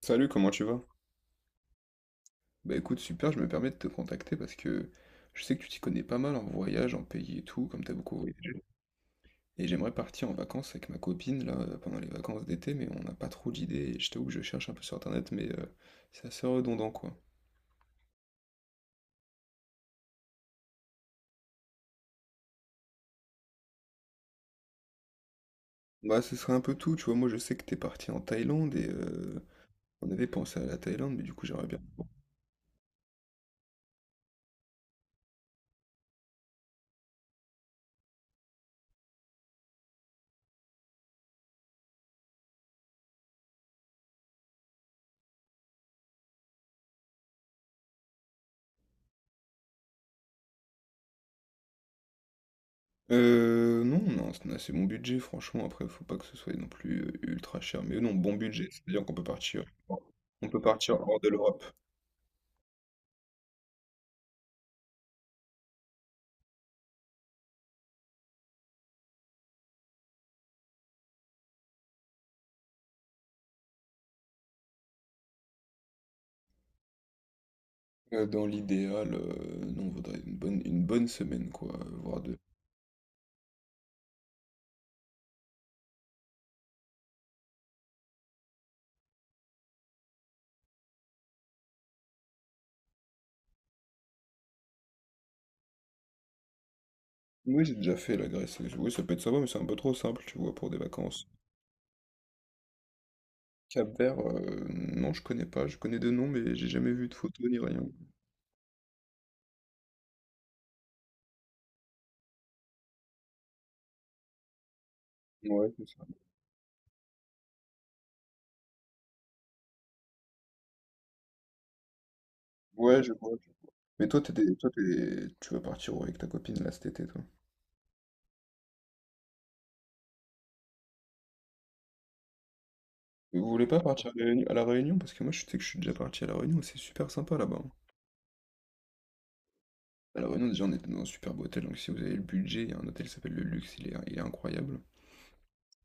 Salut, comment tu vas? Bah écoute, super, je me permets de te contacter parce que je sais que tu t'y connais pas mal en voyage, en pays et tout, comme t'as beaucoup voyagé. Et j'aimerais partir en vacances avec ma copine là pendant les vacances d'été, mais on n'a pas trop d'idées, et je t'avoue que je cherche un peu sur internet, mais c'est assez redondant quoi. Bah ce serait un peu tout, tu vois. Moi je sais que t'es parti en Thaïlande et on avait pensé à la Thaïlande, mais du coup j'aimerais bien. Non, non, c'est un assez bon budget, franchement. Après, faut pas que ce soit non plus ultra cher, mais non, bon budget, c'est-à-dire qu'on peut partir. On peut partir hors de l'Europe. Dans l'idéal, non, on voudrait une bonne semaine, quoi, voire deux. Oui, j'ai déjà fait la Grèce. Oui, ça peut être sympa, mais c'est un peu trop simple, tu vois, pour des vacances. Cap-Vert, non, je connais pas. Je connais de nom, mais j'ai jamais vu de photo ni rien. Ouais, c'est ça. Ouais, je vois. Mais toi, t'es des- toi t'es- tu vas partir où avec ta copine là cet été, toi. Et vous voulez pas partir à la Réunion? À la Réunion, parce que moi, je sais que je suis déjà parti à la Réunion, c'est super sympa là-bas, hein. À la Réunion, déjà, on était dans un superbe hôtel, donc si vous avez le budget, il y a un hôtel qui s'appelle Le Luxe, il est incroyable.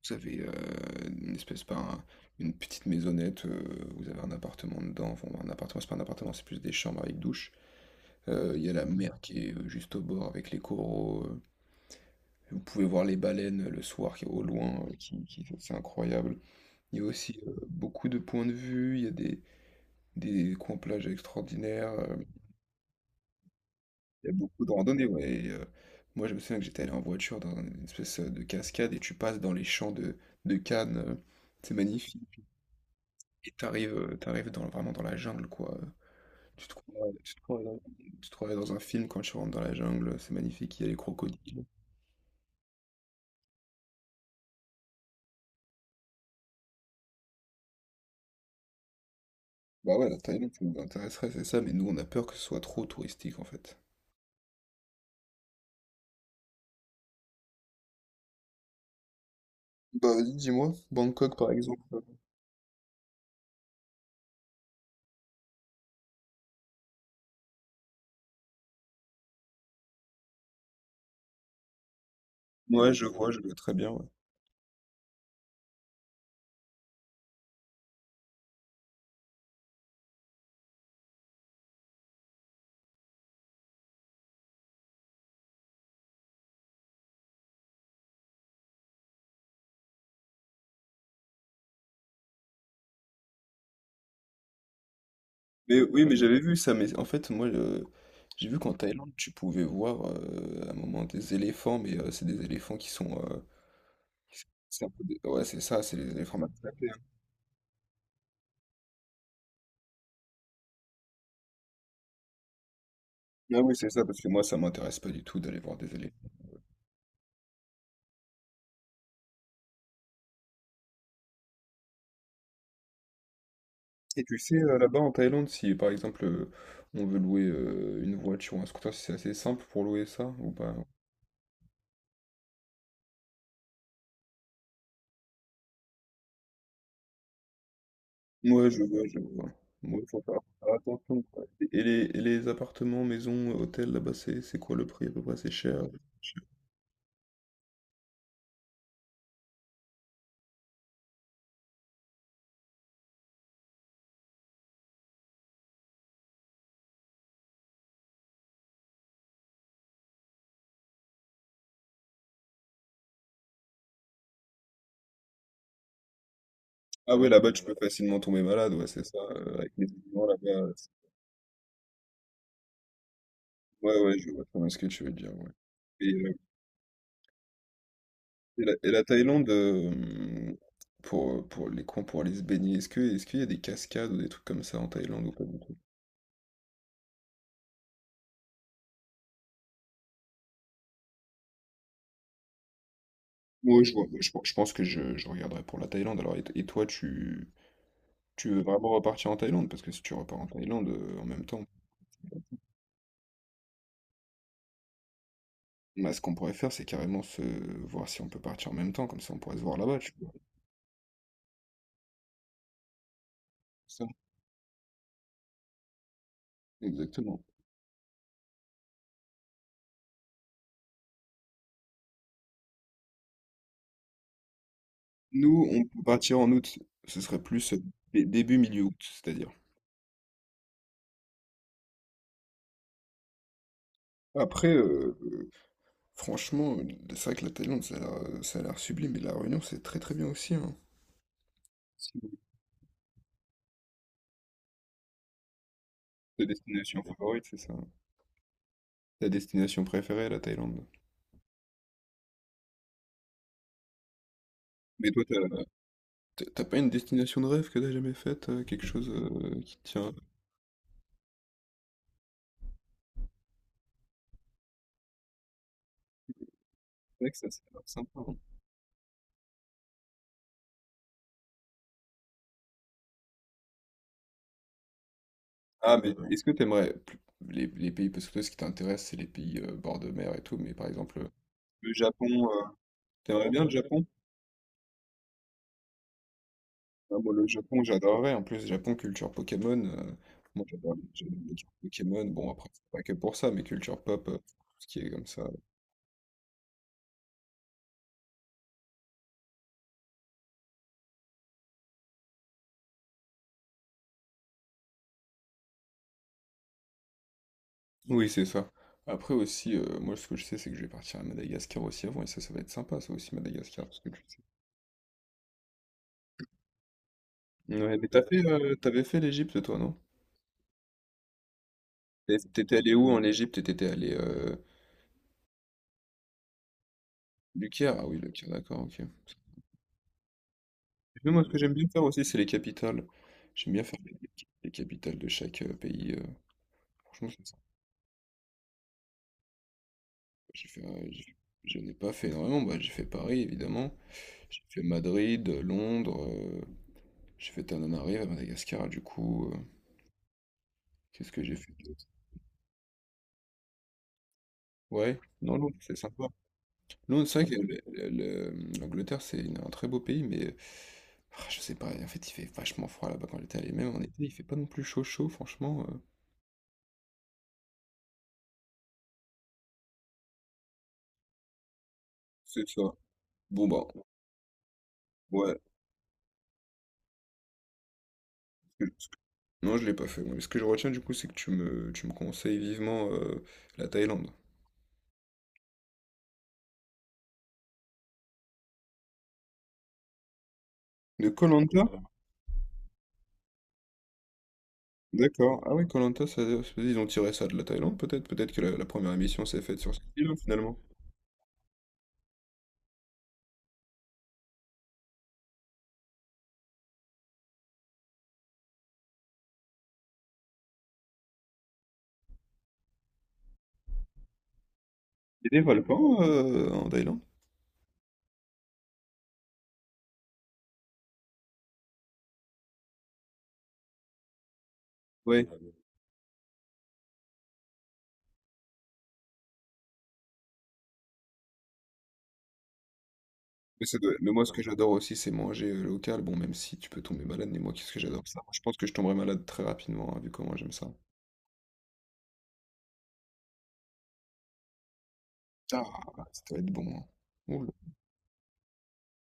Vous avez, une espèce, pas un, une petite maisonnette, vous avez un appartement dedans, enfin un appartement, c'est pas un appartement, c'est plus des chambres avec douche. Il y a la mer qui est, juste au bord avec les coraux, vous pouvez voir les baleines, le soir qui au loin, qui c'est incroyable. Il y a aussi, beaucoup de points de vue, il y a des coins plages extraordinaires, il y a beaucoup de randonnées, ouais, et moi je me souviens que j'étais allé en voiture dans une espèce, de cascade et tu passes dans les champs de cannes, c'est magnifique. Et t'arrives dans vraiment dans la jungle, quoi, tu te croirais dans tu te croirais dans un film quand tu rentres dans la jungle, c'est magnifique, il y a les crocodiles. Bah ouais, la Thaïlande, ça nous intéresserait, c'est ça, mais nous, on a peur que ce soit trop touristique, en fait. Bah, vas-y, dis-moi, Bangkok, par exemple. Ouais, je vois très bien, ouais. Mais oui, mais j'avais vu ça, mais en fait, moi, j'ai vu qu'en Thaïlande, tu pouvais voir, à un moment, des éléphants, mais c'est des éléphants qui sont, c'est un peu des, ouais, c'est ça, c'est les éléphants maltraités, hein. Ah oui, c'est ça, parce que moi, ça m'intéresse pas du tout d'aller voir des éléphants. Et tu sais, là-bas en Thaïlande, si par exemple on veut louer une voiture ou un scooter, si c'est assez simple pour louer ça ou pas? Ouais, je vois, je vois. Ouais, faut faire attention, quoi. Et les appartements, maisons, hôtels, là-bas, c'est quoi le prix à peu près? C'est cher. cher. Ah ouais, là-bas, tu peux facilement tomber malade, ouais, c'est ça. Avec les étudiants là-bas. Ouais, ouais, je vois très bien ce que tu veux dire, ouais. Et, euh, et la Thaïlande, pour les coins, pour aller se baigner, est-ce qu'il y a des cascades ou des trucs comme ça en Thaïlande ou pas du tout? Oui, je vois. Je pense que je regarderai pour la Thaïlande. Alors, et toi, tu veux vraiment repartir en Thaïlande? Parce que si tu repars en Thaïlande en même temps, bah, ce qu'on pourrait faire, c'est carrément se voir si on peut partir en même temps. Comme ça, on pourrait se voir là-bas, tu vois. Ça, exactement. Nous, on peut partir en août. Ce serait plus début, milieu août, c'est-à-dire. Après, franchement, c'est vrai que la Thaïlande, ça a l'air sublime. Et la Réunion, c'est très très bien aussi, hein. C'est Ta destination favorite, c'est ça? Ta destination préférée, la Thaïlande. Mais toi, t'as... T'as pas une destination de rêve que t'as jamais faite, quelque chose qui te tient. C'est vrai que ça, c'est grave sympa, hein. Ah, mais est-ce que les pays, parce que toi, ce qui t'intéresse, c'est les pays bord de mer et tout, mais par exemple, le Japon, t'aimerais bien le Japon? Ah, moi, le Japon, j'adorerais. En plus, Japon, culture Pokémon, moi, j'adore les cultures Pokémon. Bon, après, c'est pas que pour ça, mais culture pop, tout ce qui est comme ça. Oui, c'est ça. Après aussi, moi, ce que je sais, c'est que je vais partir à Madagascar aussi avant, et ça va être sympa, ça aussi, Madagascar, parce que tu... Ouais, mais t'avais fait l'Égypte, toi, non? Et t'étais allé où en Égypte? Et T'étais allé le Caire? Ah oui, le Caire, d'accord, ok. Parce que, tu sais, moi, ce que j'aime bien faire aussi, c'est les capitales. J'aime bien faire les capitales de chaque pays. Franchement, c'est sympa. J'ai fait, euh, j'ai- je n'ai pas fait énormément. Bah, j'ai fait Paris, évidemment. J'ai fait Madrid, Londres. J'ai fait Tananarive à Madagascar, du coup. Qu'est-ce que j'ai fait d'autre? Ouais, non, non, c'est sympa. Non, c'est vrai que le- l'Angleterre, c'est un très beau pays, mais ah, je sais pas, en fait, il fait vachement froid là-bas quand j'étais allé. Même en été, il fait pas non plus chaud chaud, franchement. C'est ça. Bon bah, ouais. Non, je l'ai pas fait, moi. Mais ce que je retiens du coup, c'est que tu me conseilles vivement la Thaïlande. De koh D'accord. Ah oui, koh ils ont tiré ça de la Thaïlande, peut-être. Peut-être que la première émission s'est faite sur cette île, hein, finalement. Il y a des volcans en Thaïlande? Ouais. Mais, moi, ce que j'adore aussi, c'est manger local. Bon, même si tu peux tomber malade, mais moi, qu'est-ce que j'adore ça? Je pense que je tomberai malade très rapidement, hein, vu comment j'aime ça. Ah, ça doit être bon, hein. Oula.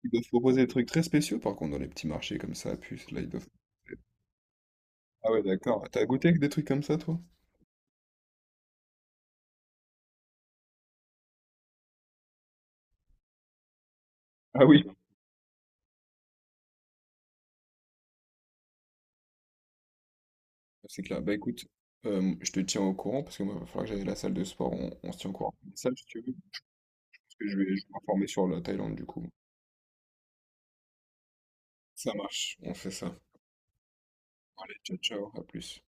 Ils doivent proposer des trucs très spéciaux, par contre, dans les petits marchés comme ça, à puce, là, ils doivent... Ah ouais, d'accord. T'as goûté avec des trucs comme ça, toi? Ah oui. C'est clair. Bah écoute, je te tiens au courant, parce que moi, il va falloir que j'aille à la salle de sport. On se tient au courant. Ça, si tu veux, parce que je vais m'informer sur la Thaïlande, du coup. Ça marche. On fait ça. Allez, ciao, ciao. À plus.